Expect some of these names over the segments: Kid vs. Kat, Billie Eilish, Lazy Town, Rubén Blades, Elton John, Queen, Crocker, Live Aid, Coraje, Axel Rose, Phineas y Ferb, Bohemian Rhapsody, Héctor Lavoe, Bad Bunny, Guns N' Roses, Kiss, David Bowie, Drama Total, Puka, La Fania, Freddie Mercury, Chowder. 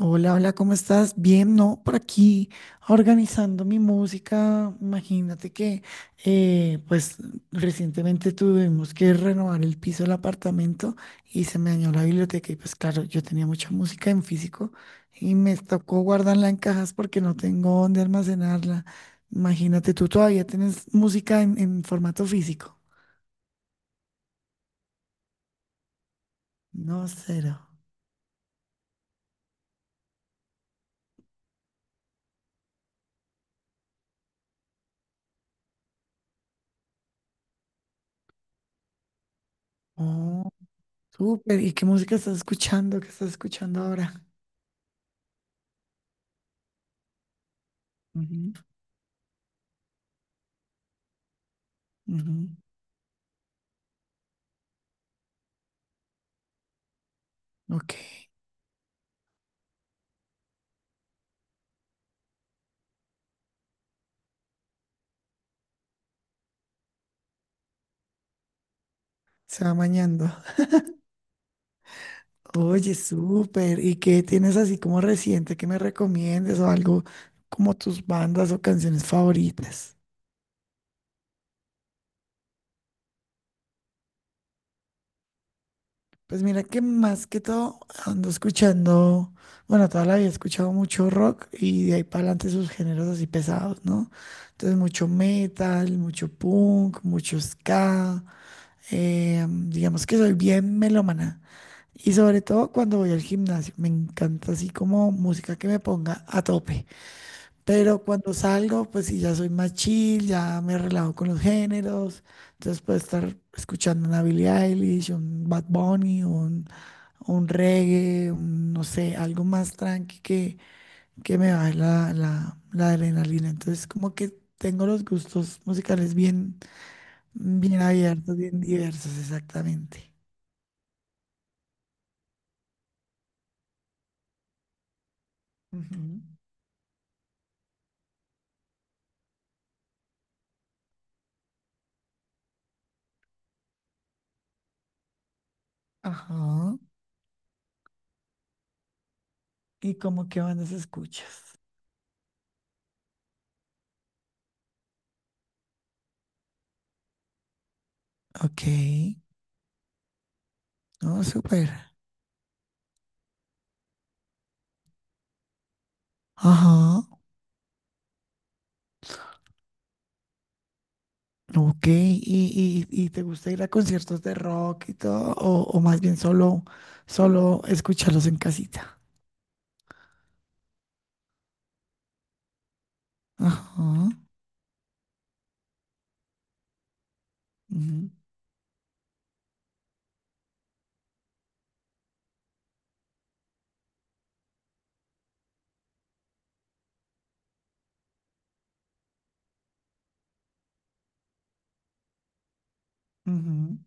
Hola, hola, ¿cómo estás? Bien, ¿no? Por aquí organizando mi música. Imagínate que, eh, pues, recientemente tuvimos que renovar el piso del apartamento y se me dañó la biblioteca y pues claro, yo tenía mucha música en físico y me tocó guardarla en cajas porque no tengo dónde almacenarla. Imagínate, tú todavía tienes música en formato físico. No, cero. Oh, súper. ¿Y qué música estás escuchando? ¿Qué estás escuchando ahora? Ujú, ujú. Ok, se va mañando. Oye, súper. ¿Y qué tienes así como reciente que me recomiendes o algo como tus bandas o canciones favoritas? Pues mira que más que todo ando escuchando, bueno, toda la vida he escuchado mucho rock y de ahí para adelante sus géneros así pesados, ¿no? Entonces mucho metal, mucho punk, mucho ska. Digamos que soy bien melómana. Y sobre todo cuando voy al gimnasio, me encanta así como música que me ponga a tope. Pero cuando salgo, pues sí, ya soy más chill, ya me relajo con los géneros. Entonces puedo estar escuchando una Billie Eilish, un Bad Bunny, un reggae, un, no sé, algo más tranqui que me baje la adrenalina. Entonces como que tengo los gustos musicales bien, bien abiertos, bien diversos, exactamente. Ujú. Ajá. ¿Y como qué bandas escuchas? Ok, no, súper. Ajá, ok. ¿Y, y te gusta ir a conciertos de rock y todo? O más bien solo escucharlos en casita? Ajá, ujú, ujú,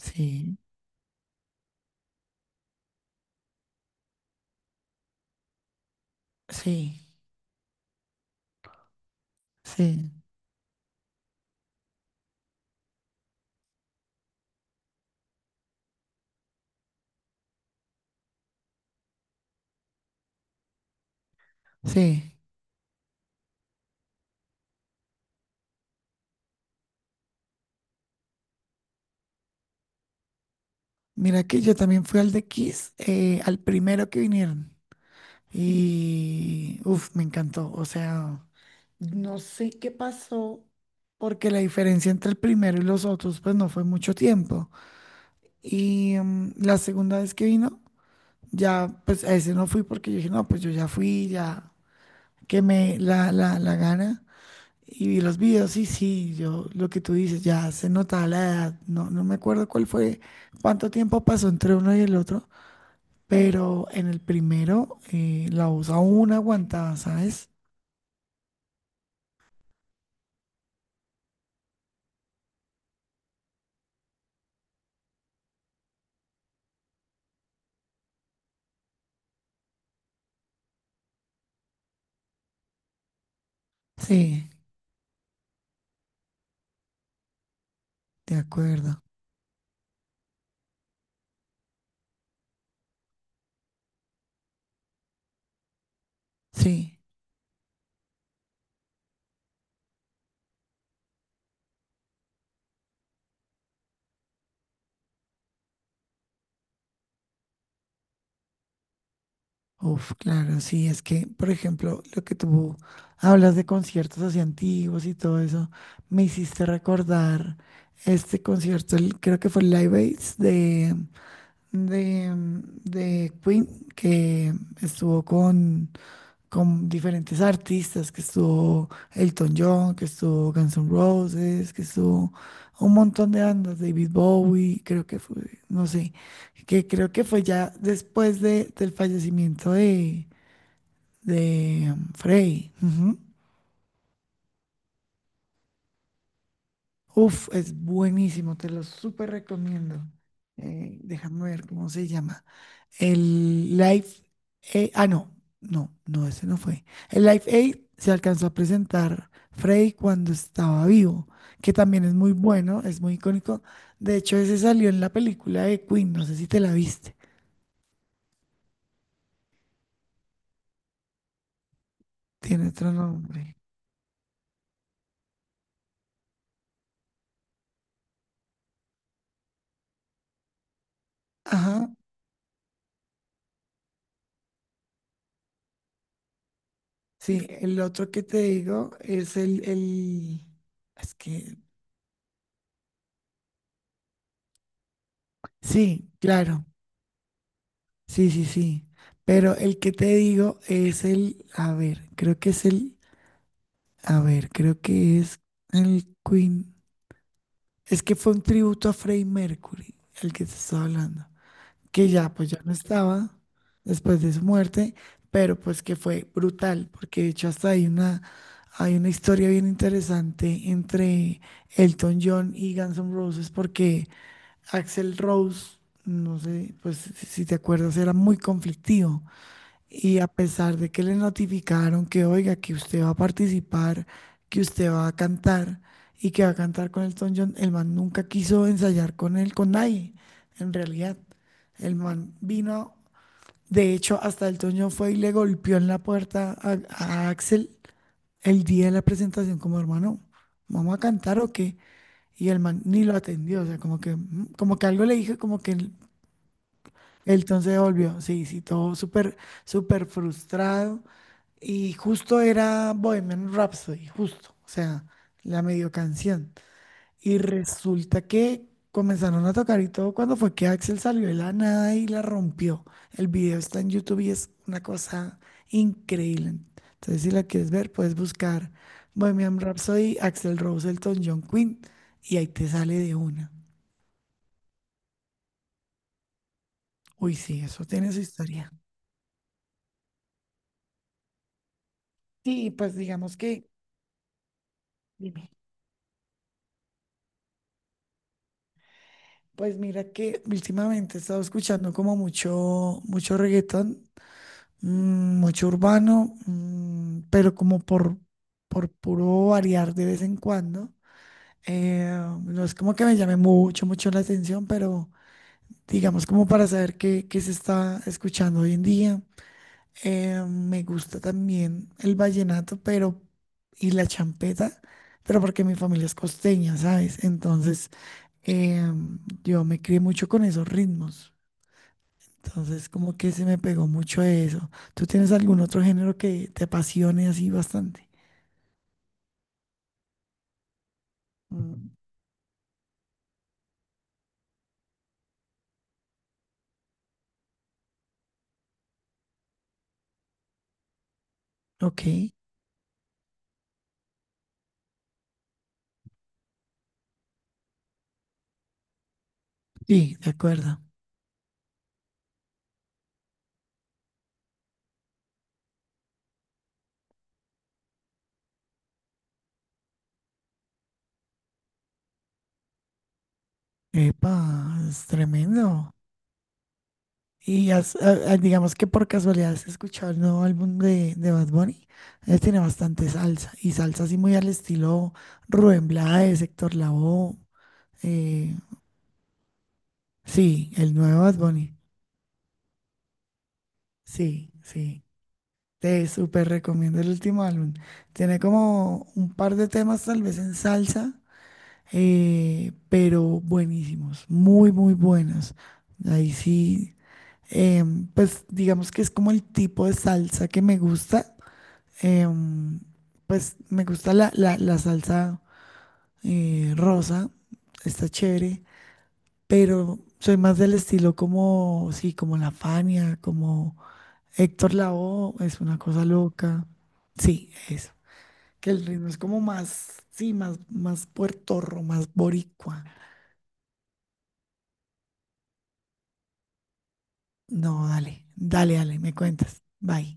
sí, sí, sí, sí. Mira que yo también fui al de Kiss, al primero que vinieron. Y, uff, me encantó. O sea, no sé qué pasó, porque la diferencia entre el primero y los otros, pues no fue mucho tiempo. Y la segunda vez que vino, ya, pues a ese no fui porque yo dije, no, pues yo ya fui, ya quemé la gana. Y vi los videos y sí, yo, lo que tú dices, ya se notaba la edad. No, no me acuerdo cuál fue, cuánto tiempo pasó entre uno y el otro, pero en el primero, la voz aún aguantaba, ¿sabes? Sí, de acuerdo. Sí, uf, claro, sí, es que, por ejemplo, lo que tú hablas de conciertos así antiguos y todo eso, me hiciste recordar este concierto, creo que fue el Live Aid de, de Queen, que estuvo con diferentes artistas, que estuvo Elton John, que estuvo Guns N' Roses, que estuvo un montón de bandas, David Bowie, creo que fue, no sé, que creo que fue ya después del fallecimiento de Frey. Ujú. Uf, es buenísimo, te lo súper recomiendo. Déjame ver cómo se llama. El Live Aid, ah, no, ese no fue. El Live Aid se alcanzó a presentar Freddy cuando estaba vivo, que también es muy bueno, es muy icónico. De hecho, ese salió en la película de Queen, no sé si te la viste, tiene otro nombre. Ajá, sí, el otro que te digo es el, es que, sí, claro, sí, sí, sí. Pero el que te digo es el, a ver, creo que es el a ver, creo que es el Queen. Es que fue un tributo a Freddie Mercury, el que te estaba hablando. Que ya, pues ya no estaba después de su muerte, pero pues que fue brutal, porque de hecho hasta hay hay una historia bien interesante entre Elton John y Guns N' Roses, porque Axel Rose, no sé, pues si te acuerdas, era muy conflictivo. Y a pesar de que le notificaron que, oiga, que usted va a participar, que usted va a cantar y que va a cantar con Elton John, el man nunca quiso ensayar con él, con nadie, en realidad. El man vino, de hecho, hasta Elton John fue y le golpeó en la puerta a Axel el día de la presentación como hermano, ¿vamos a cantar o qué? Y el man ni lo atendió, o sea, como que, mm, como que algo le dijo, como que entonces volvió, sí, sí, todo súper, súper frustrado. Y justo era Bohemian Rhapsody, justo, o sea, la medio canción. Y resulta que comenzaron a tocar y todo cuando fue que Axel salió de la nada y la rompió. El video está en YouTube y es una cosa increíble. Entonces, si la quieres ver, puedes buscar Bohemian Rhapsody, Axel Rose, Elton John, Queen, y ahí te sale de una. Uy, sí, eso tiene su historia. Sí, pues digamos que... Dime. Pues mira que últimamente he estado escuchando como mucho, mucho reggaetón, mm, mucho urbano, mm, pero como por puro variar de vez en cuando. Eh, no es como que me llame mucho, mucho la atención, pero digamos como para saber qué, qué se está escuchando hoy en día. Me gusta también el vallenato, pero y la champeta, pero porque mi familia es costeña, ¿sabes? Entonces, yo me crié mucho con esos ritmos. Entonces, como que se me pegó mucho eso. ¿Tú tienes algún otro género que te apasione así bastante? Mm, ok, sí, de acuerdo. Epa, es tremendo. Y digamos que por casualidad has escuchado el nuevo álbum de Bad Bunny. Él tiene bastante salsa y salsa así muy al estilo Rubén Blades, Héctor Lavoe. eh, sí, el nuevo Bad Bunny. Sí, sí. Te súper recomiendo el último álbum. Tiene como un par de temas, tal vez en salsa, pero buenísimos, muy, muy buenos. Ahí sí, pues digamos que es como el tipo de salsa que me gusta. Em, pues me gusta la salsa rosa, está chévere, pero soy más del estilo como, sí, como La Fania, como Héctor Lavoe, es una cosa loca. Sí, eso. Que el ritmo es como más, sí, más, más puertorro, más boricua. No, dale, dale, dale, me cuentas. Bye.